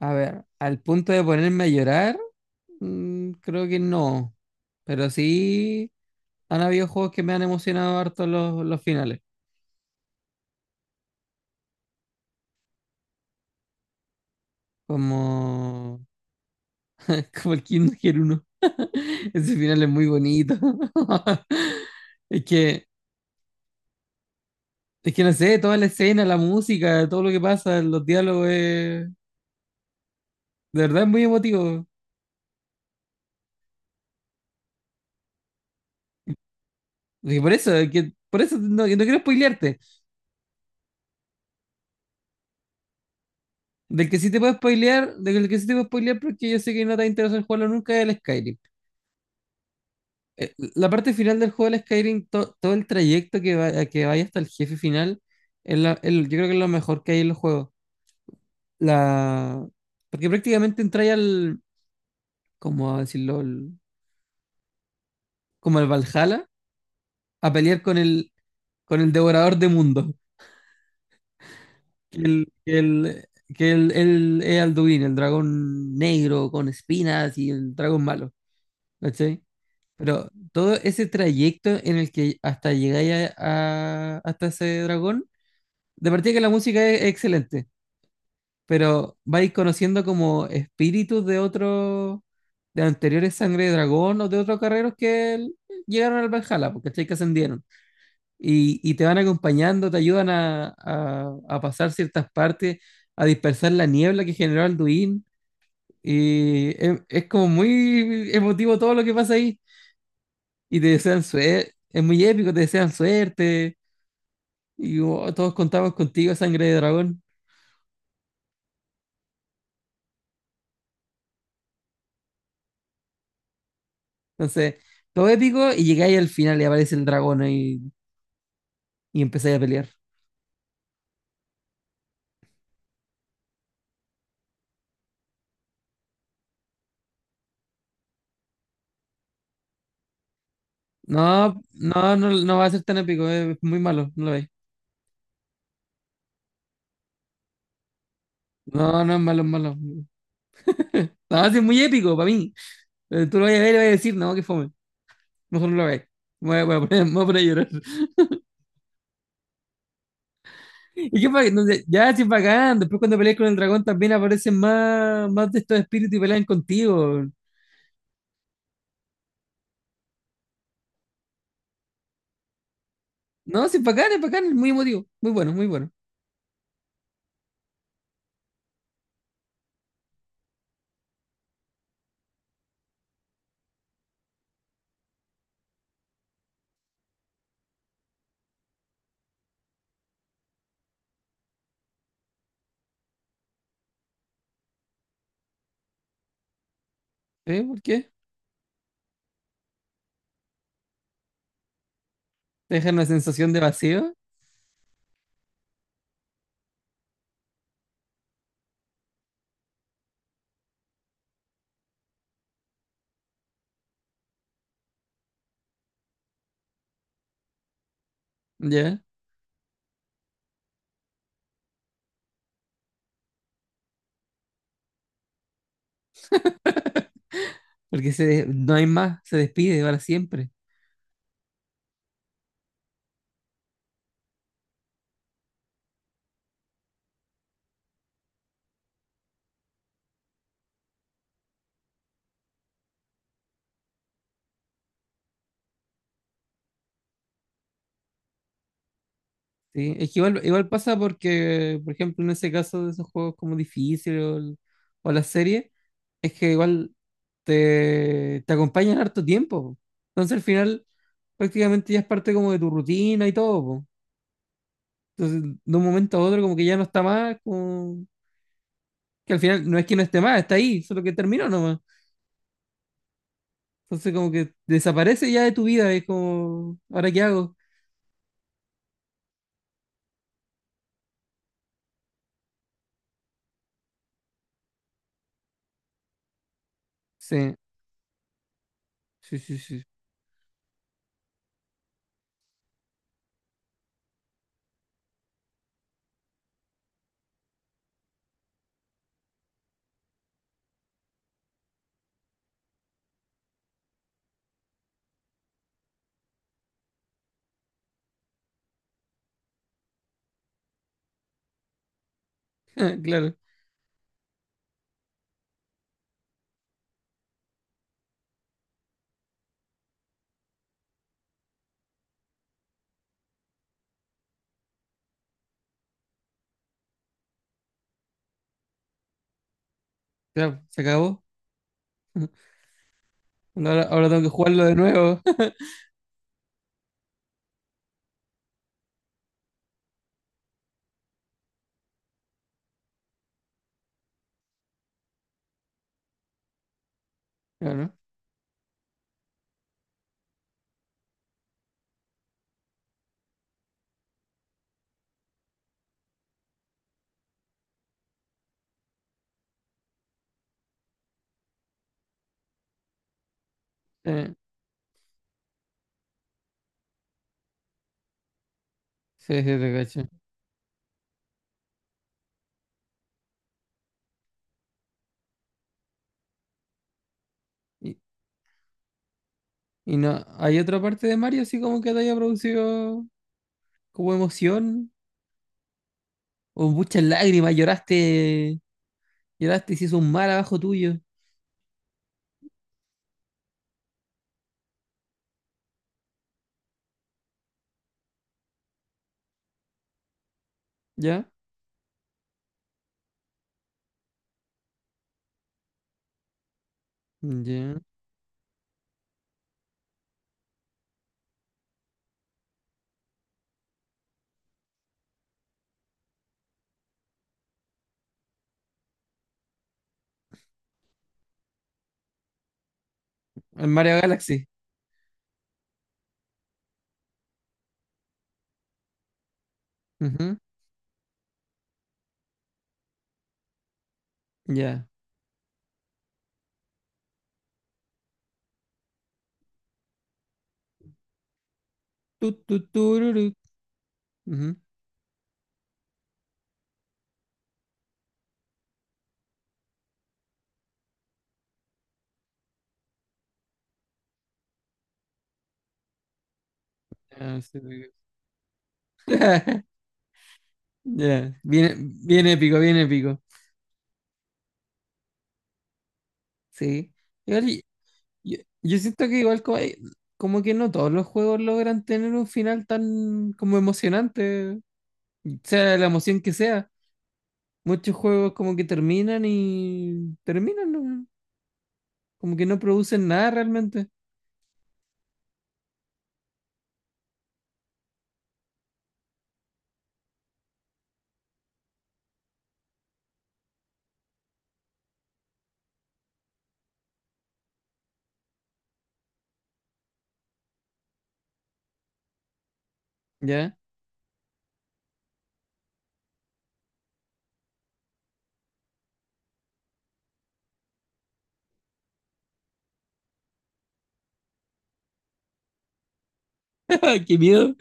A ver, al punto de ponerme a llorar, creo que no. Pero sí han habido juegos que me han emocionado harto los finales. Como, como el Kingdom Hearts 1. Ese final es muy bonito. Es que, es que no sé, toda la escena, la música, todo lo que pasa, los diálogos, de verdad es muy emotivo. Y por eso, por eso no quiero spoilearte. Del que sí te puedo spoilear porque yo sé que no te va a interesar jugarlo nunca es el Skyrim. La parte final del juego del Skyrim, todo el trayecto que vaya hasta el jefe final, es yo creo que es lo mejor que hay en los juegos. La... Porque prácticamente entráis al, cómo decirlo, como al Valhalla, a pelear con el devorador de mundo, que el Ealduin, el dragón negro con espinas y el dragón malo, ¿cachai? Pero todo ese trayecto en el que hasta hasta ese dragón, de partida que la música es excelente, pero vais conociendo como espíritus de otros, de anteriores Sangre de Dragón o de otros carreros llegaron al Valhalla, porque que ascendieron. Y te van acompañando, te ayudan a pasar ciertas partes, a dispersar la niebla que generó Alduin. Y es como muy emotivo todo lo que pasa ahí. Y te desean suerte, es muy épico, te desean suerte. Y oh, todos contamos contigo, Sangre de Dragón. Entonces, todo épico y llegáis al final y aparece el dragón ahí y empezáis a pelear. No, no, no, no va a ser tan épico, es muy malo, no lo veis. No, no es malo, es malo. No, sí es muy épico para mí. Pero tú lo vas a ver y le vas a decir, no, que fome. Mejor no lo veis. Voy a poner, me voy a poner a llorar. Ya, sí, es bacán. Después cuando peleas con el dragón también aparecen más, más de estos espíritus y pelean contigo. No, sí, es bacán, es bacán, es muy emotivo. Muy bueno, muy bueno. ¿Eh? ¿Por qué? Te deja una sensación de vacío. Ya. Porque no hay más, se despide para siempre. ¿Sí? Es que igual, igual pasa porque, por ejemplo, en ese caso de esos juegos como difícil o, o la serie, es que igual te acompañan harto tiempo po. Entonces al final prácticamente ya es parte como de tu rutina y todo po. Entonces de un momento a otro como que ya no está más, como que al final no es que no esté más, está ahí, solo que terminó nomás. Entonces como que desaparece ya de tu vida, es como, ¿ahora qué hago? Sí, sí, sí, sí. Claro. Ya, se acabó. Bueno, ahora tengo que jugarlo de nuevo. Claro. Eh, sí, sí, sí, te cacho. Y, y no, ¿hay otra parte de Mario así como que te haya producido como emoción? O muchas lágrimas, lloraste, lloraste y se hizo un mar abajo tuyo. ¿Ya? Ya. El Mario Galaxy. Ujú. Ya. Tu, tururu. Ujú. Ya, sí, te cacho. Ya. Bien, bien épico, bien épico. Sí. Igual yo, yo siento que igual como que no todos los juegos logran tener un final tan como emocionante, sea la emoción que sea. Muchos juegos como que terminan y terminan, ¿no? Como que no producen nada realmente. ¿Ya? ¡Qué miedo!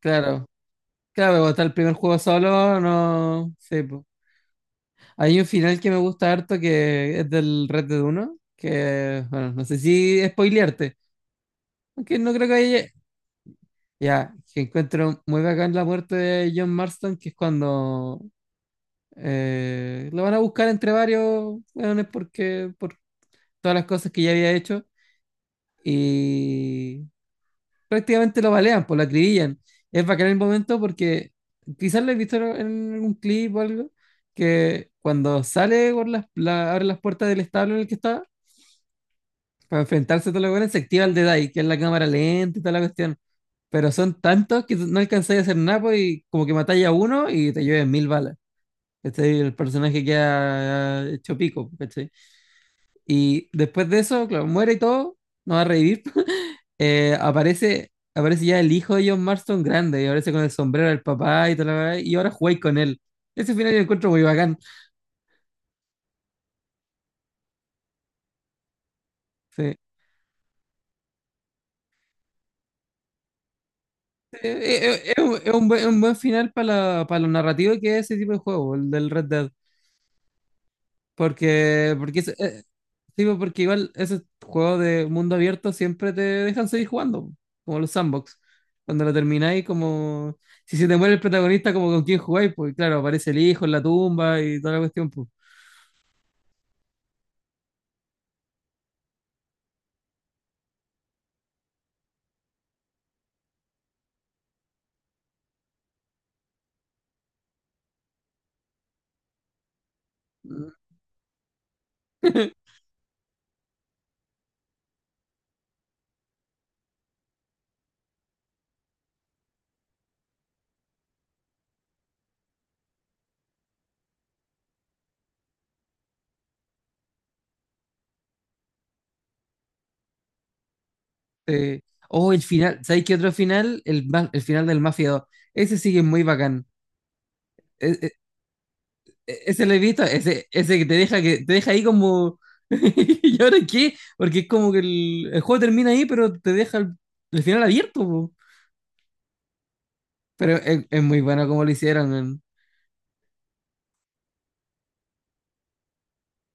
Claro, claro, pero hasta el primer juego solo, no sé po. Hay un final que me gusta harto que es del Red Dead 1, que, bueno, no sé si spoilearte, aunque no creo que haya. Ya, que encuentro muy bacán la muerte de John Marston, que es cuando lo van a buscar entre varios weones porque por todas las cosas que ya había hecho y prácticamente lo balean, pues lo acribillan. Es bacán el momento porque quizás lo he visto en algún clip o algo, que cuando sale por abre las puertas del establo en el que estaba para enfrentarse a todos los weones, se activa el Deadeye, que es la cámara lenta y toda la cuestión. Pero son tantos que no alcanzáis a hacer nada po, y como que matáis a uno y te lleves mil balas. ¿Cachai? El personaje queda ah, hecho pico, ¿cachai? Y después de eso, claro, muere y todo, no va a revivir. Aparece ya el hijo de John Marston grande y aparece con el sombrero del papá y tal, y ahora jugáis con él. Ese final yo lo encuentro muy bacán. Sí. Es un buen final para para lo narrativo que es ese tipo de juego, el del Red Dead. Porque, porque, es- eh, sí, pues, porque igual esos juegos de mundo abierto siempre te dejan seguir jugando, como los sandbox. Cuando lo termináis, como si se te muere el protagonista, como con quién jugáis, pues claro, aparece el hijo en la tumba y toda la cuestión, pues. Eh, oh, el final, ¿sabéis qué otro final? El, el final del Mafia 2. Ese sí que es muy bacán. E- Ese lo he visto, ese, ese que te deja ahí como. ¿Y ahora qué? Porque es como que el juego termina ahí, pero te deja el final abierto po. Pero es muy bueno como lo hicieron, man.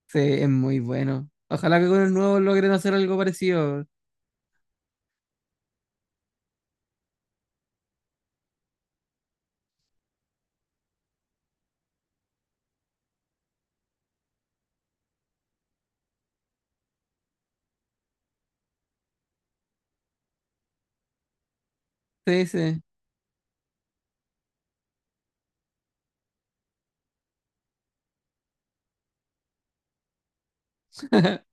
Sí, es muy bueno. Ojalá que con el nuevo logren hacer algo parecido. Sí, sí.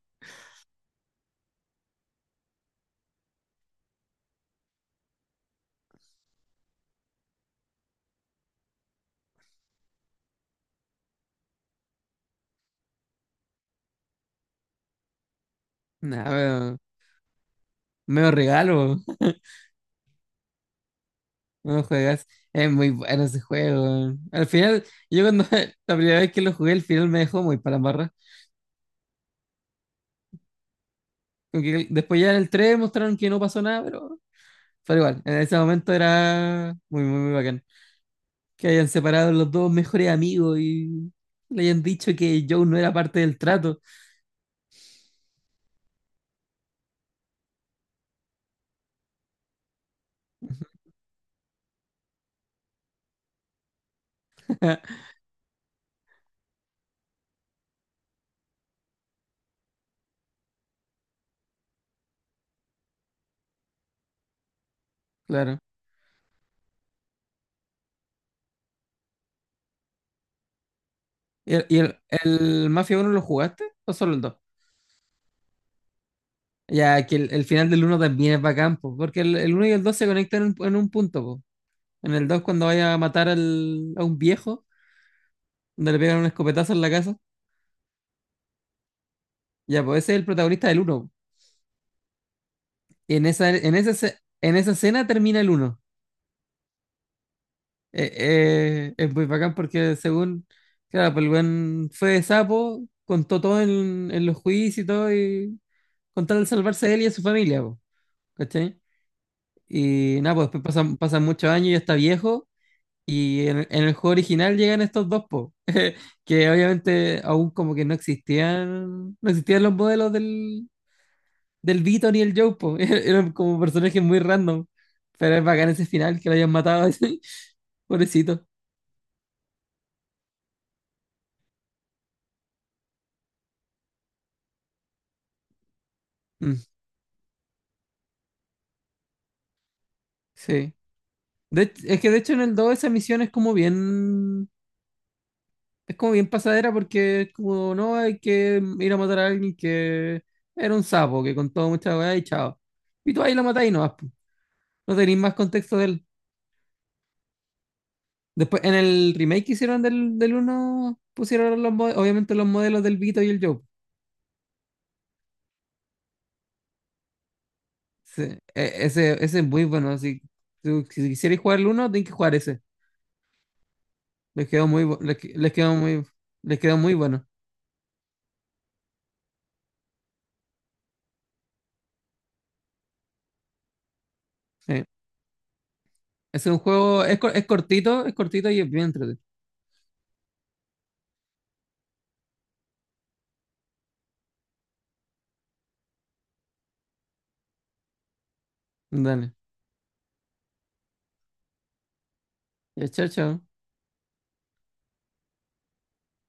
Nada, medio regalo. No juegas. Es muy bueno ese juego weón. Al final, yo cuando la primera vez que lo jugué, el final me dejó muy para la barra. Como que después ya en el 3 mostraron que no pasó nada, pero igual, en ese momento era muy, muy, muy bacán. Que hayan separado los dos mejores amigos y le hayan dicho que Joe no era parte del trato. Claro. ¿Y el Mafia 1 lo jugaste o solo el 2? Ya que el final del uno también es bacán po, porque el 1 y el 2 se conectan en un punto po. En el 2 cuando vaya a a un viejo, donde le pegan un escopetazo en la casa, ya pues ese es el protagonista del 1. En esa escena termina el uno. Es muy bacán porque según, claro, pues el weón fue de sapo, contó todo en los juicios y todo, y con tal de salvarse a él y a su familia po, ¿cachai? Y nada, pues después pasan muchos años, y ya está viejo, y en el juego original llegan estos dos po, que obviamente aún como que no existían, no existían los modelos del Vito ni el Joe po, eran como personajes muy random, pero es bacán ese final que lo hayan matado, así, pobrecito. Mm, sí. Es que de hecho en el 2 esa misión es como bien pasadera porque es como, no, hay que ir a matar a alguien que era un sapo, que contó mucha weá y chao. Y tú ahí lo matás y no vas po. No tenéis más contexto de él. Después, en el remake que hicieron del uno pusieron los, obviamente los modelos del Vito y el Joe. Sí, ese, ese es muy bueno, así. Si quisierais jugar el uno tenéis que jugar ese. Les quedó muy, les quedó muy, les quedó muy bueno. Sí. Es un juego, es, es cortito y es bien entretenido. Dale. Ya, chao, chao.